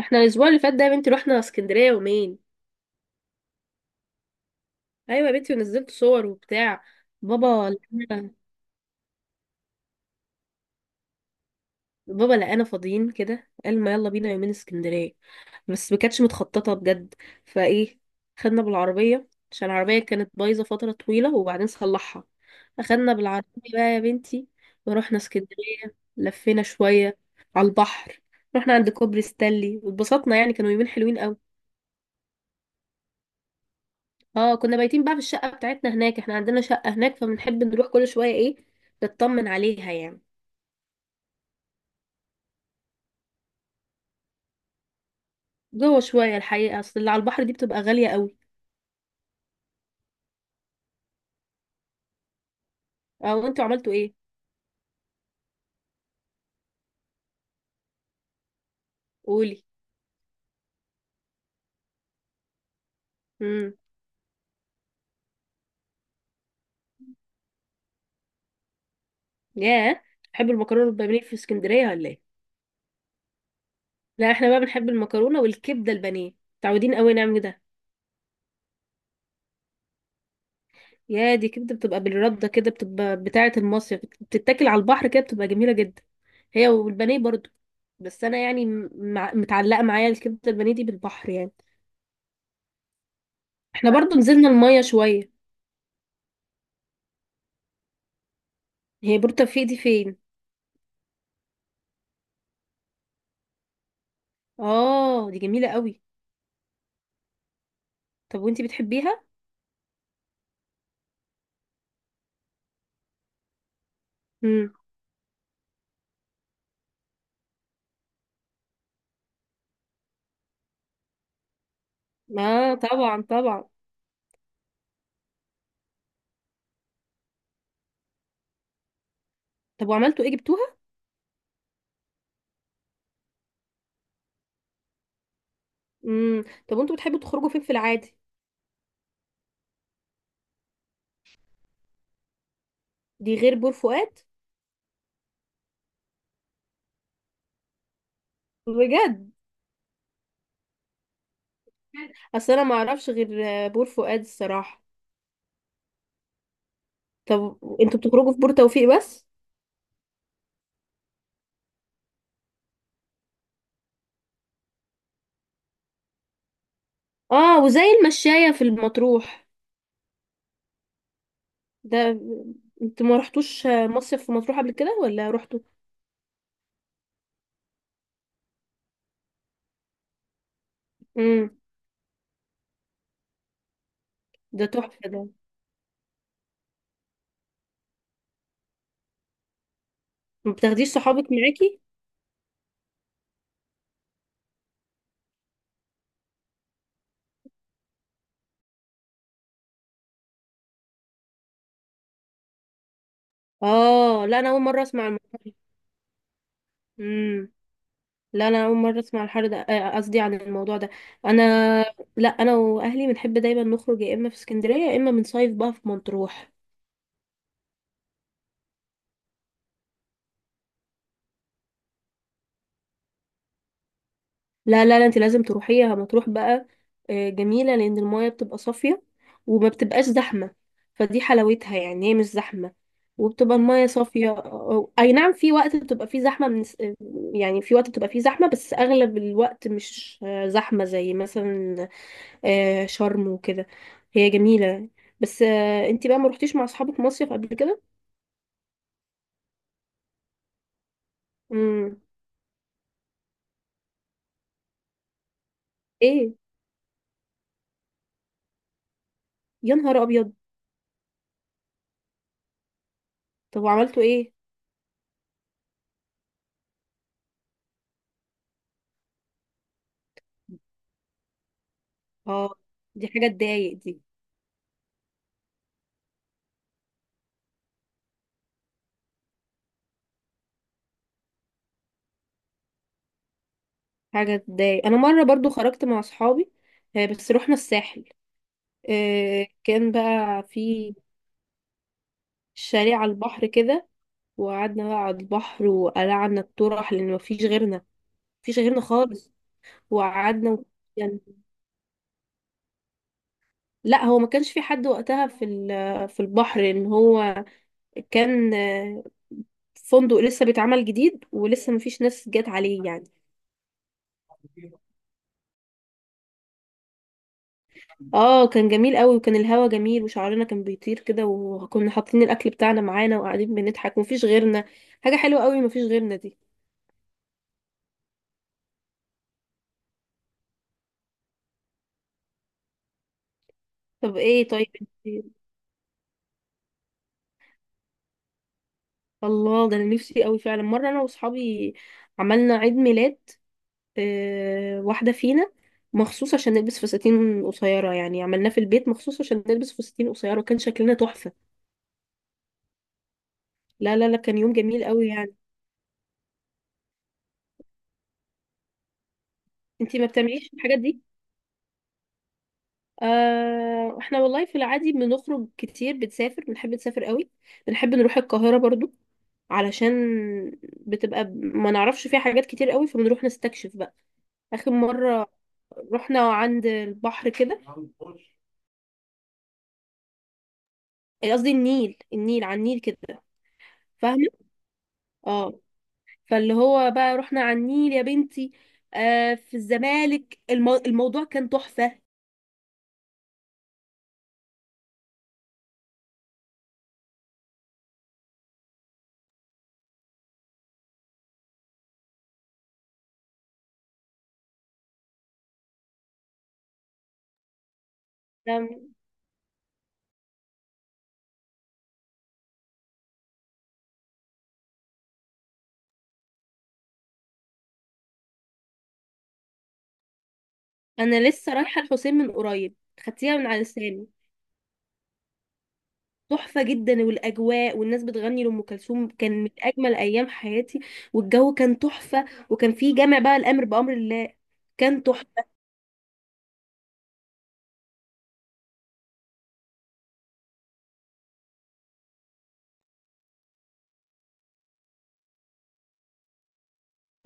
احنا الاسبوع اللي فات ده يا بنتي رحنا اسكندريه يومين. ايوه يا بنتي، ونزلت صور وبتاع. بابا لقانا بابا لقانا فاضيين كده، قال ما يلا بينا يومين اسكندريه. بس ما كانتش متخططه بجد، فايه، خدنا بالعربيه عشان العربيه كانت بايظه فتره طويله وبعدين صلحها. اخدنا بالعربيه بقى يا بنتي ورحنا اسكندريه، لفينا شويه على البحر. رحنا عند كوبري ستانلي واتبسطنا، يعني كانوا يومين حلوين قوي. اه، كنا بايتين بقى في الشقة بتاعتنا هناك. احنا عندنا شقة هناك فبنحب نروح كل شوية ايه، نطمن عليها يعني. جوه شوية الحقيقة، اصل اللي على البحر دي بتبقى غالية قوي. اه، وانتوا عملتوا ايه؟ قولي. امم ياه، بتحبوا المكرونة والبانيه في اسكندرية ولا ايه؟ لا احنا بقى بنحب المكرونة والكبدة البانيه، متعودين قوي نعمل ده. يا دي كبدة بتبقى بالردة كده، بتبقى بتاعة المصيف، بتتاكل على البحر كده، بتبقى جميلة جدا. هي والبانيه برضو. بس انا يعني متعلقة معايا الكبدة البانيه دي بالبحر يعني. احنا برضو نزلنا المية شوية. هي بور توفيق دي فين؟ اه، دي جميلة قوي. طب وانتي بتحبيها؟ امم اه طبعا طبعا. طب وعملتوا ايه، جبتوها؟ طب وانتوا بتحبوا تخرجوا فين في العادي؟ دي غير بور فؤاد؟ بجد؟ اصل انا ما اعرفش غير بور فؤاد الصراحة. طب انتوا بتخرجوا في بور توفيق بس؟ اه، وزي المشاية في المطروح. ده انتوا ما رحتوش مصيف في مطروح قبل كده ولا رحتوا؟ امم ده تحفة ده. ما بتاخديش صحابك معاكي؟ اه، لا انا اول مره اسمع الموضوع ده. امم لا انا اول مره اسمع الحر ده، قصدي عن الموضوع ده انا. لا انا واهلي بنحب دايما نخرج، يا اما في اسكندريه يا اما بنصيف بقى في مطروح. لا لا لا، انت لازم تروحيها مطروح بقى. جميله لان المايه بتبقى صافيه وما بتبقاش زحمه. فدي حلاوتها، يعني هي مش زحمه وبتبقى المايه صافيه. اي نعم، في وقت بتبقى فيه زحمه، من يعني في وقت بتبقى فيه زحمه، بس اغلب الوقت مش زحمه زي مثلا آه شرم وكده. هي جميلة. بس آه انتي بقى ما روحتيش مع اصحابك مصيف قبل كده؟ امم ايه؟ يا نهار ابيض! طب وعملتوا ايه؟ اه، دي حاجة تضايق. دي حاجة تضايق. انا مرة برضو خرجت مع اصحابي، آه بس رحنا الساحل. آه، كان بقى في شاليه على البحر كده، وقعدنا بقى على البحر وقلعنا الطرح لان مفيش غيرنا. مفيش غيرنا خالص. وقعدنا. يعني لا، هو ما كانش في حد وقتها في في البحر، ان هو كان فندق لسه بيتعمل جديد ولسه مفيش ناس جت عليه يعني. اه كان جميل قوي، وكان الهوا جميل، وشعرنا كان بيطير كده، وكنا حاطين الاكل بتاعنا معانا وقاعدين بنضحك ومفيش غيرنا. حاجه حلوه قوي مفيش غيرنا دي. طب ايه، طيب انت، الله ده انا نفسي قوي فعلا. مره انا واصحابي عملنا عيد ميلاد واحده فينا مخصوص عشان نلبس فساتين قصيره. يعني عملناه في البيت مخصوص عشان نلبس فساتين قصيره، كان شكلنا تحفه. لا لا لا كان يوم جميل قوي يعني. انتي ما بتعمليش الحاجات دي؟ احنا والله في العادي بنخرج كتير، بنسافر، بنحب نسافر قوي. بنحب نروح القاهرة برضو، علشان بتبقى ما نعرفش فيها حاجات كتير قوي فبنروح نستكشف بقى. آخر مرة رحنا عند البحر كده، إيه قصدي النيل، النيل، على النيل كده. فاهمة؟ اه، فاللي هو بقى رحنا على النيل يا بنتي، آه في الزمالك. الموضوع كان تحفة. أم- انا لسه رايحة الحسين من قريب. خدتيها من على لساني. تحفة جدا، والأجواء، والناس بتغني لأم كلثوم، كان من أجمل أيام حياتي. والجو كان تحفة، وكان فيه جامع بقى الأمر بأمر الله. كان تحفة.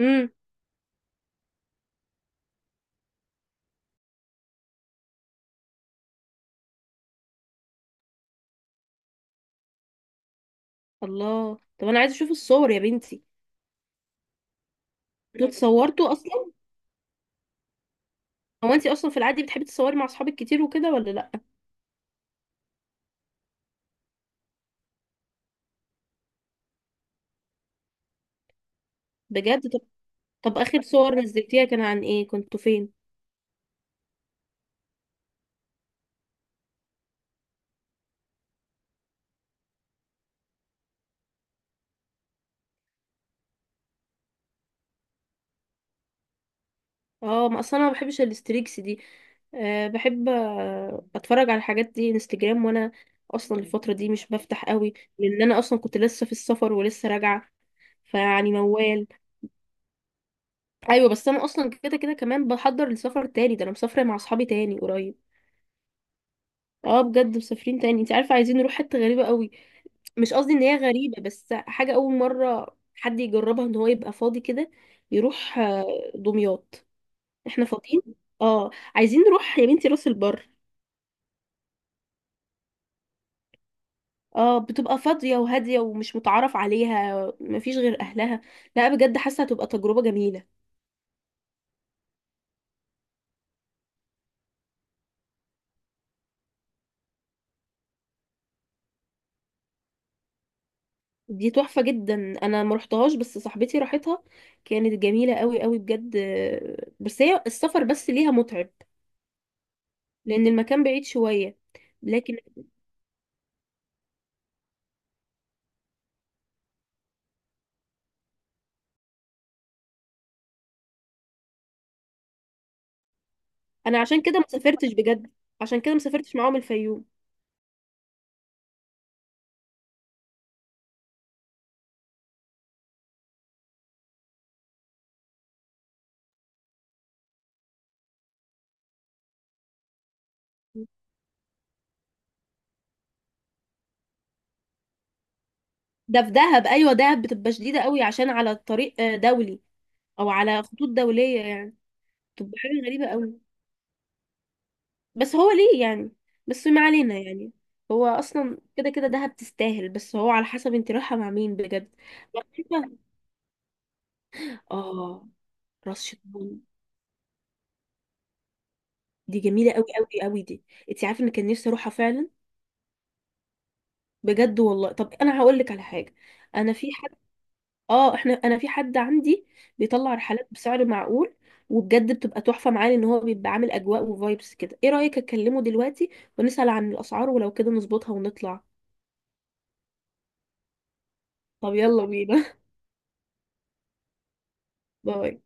امم الله! طب أنا عايزة أشوف الصور يا بنتي. انتوا اتصورتوا أصلا؟ هو أنتي أصلا في العادي بتحبي تتصوري مع أصحابك كتير وكده ولا لأ؟ بجد؟ طب، طب آخر صور نزلتيها كان عن إيه، كنتوا فين؟ اه، ما اصلا انا ما بحبش الستريكس دي. أه، بحب اتفرج على الحاجات دي انستجرام. وانا اصلا الفتره دي مش بفتح قوي، لان انا اصلا كنت لسه في السفر ولسه راجعه، فيعني موال. ايوه، بس انا اصلا كده كده كمان بحضر لسفر تاني. ده انا مسافره مع اصحابي تاني قريب. اه بجد، مسافرين تاني. انت عارفه، عايزين نروح حته غريبه قوي. مش قصدي ان هي غريبه، بس حاجه اول مره حد يجربها، ان هو يبقى فاضي كده يروح دمياط. احنا فاضيين، اه عايزين نروح يا بنتي راس البر. اه بتبقى فاضية وهادية ومش متعرف عليها، مفيش غير أهلها. لا بجد حاسة هتبقى تجربة جميلة. دي تحفة جدا. أنا مرحتهاش بس صاحبتي راحتها، كانت جميلة قوي قوي بجد. بس هي السفر بس ليها متعب، لأن المكان بعيد شوية. لكن أنا عشان كده ما سافرتش بجد، عشان كده ما سافرتش معاهم الفيوم. ده في دهب؟ أيوة دهب بتبقى شديدة قوي، عشان على طريق دولي، أو على خطوط دولية يعني. بتبقى حاجة غريبة قوي. بس هو ليه يعني؟ بس ما علينا يعني. هو اصلا كده كده دهب تستاهل، بس هو على حسب انت رايحه مع مين بجد. مكتبة. اه راس شيطان، دي جميله قوي قوي قوي دي. انت عارفه ان كان نفسي اروحها فعلا؟ بجد والله. طب انا هقول لك على حاجه. انا في حد، اه احنا، انا في حد عندي بيطلع رحلات بسعر معقول. وبجد بتبقى تحفه معاه، لان هو بيبقى عامل اجواء وفايبس كده. ايه رايك اكلمه دلوقتي ونسال عن الاسعار، ولو كده نظبطها ونطلع؟ طب يلا بينا. باي.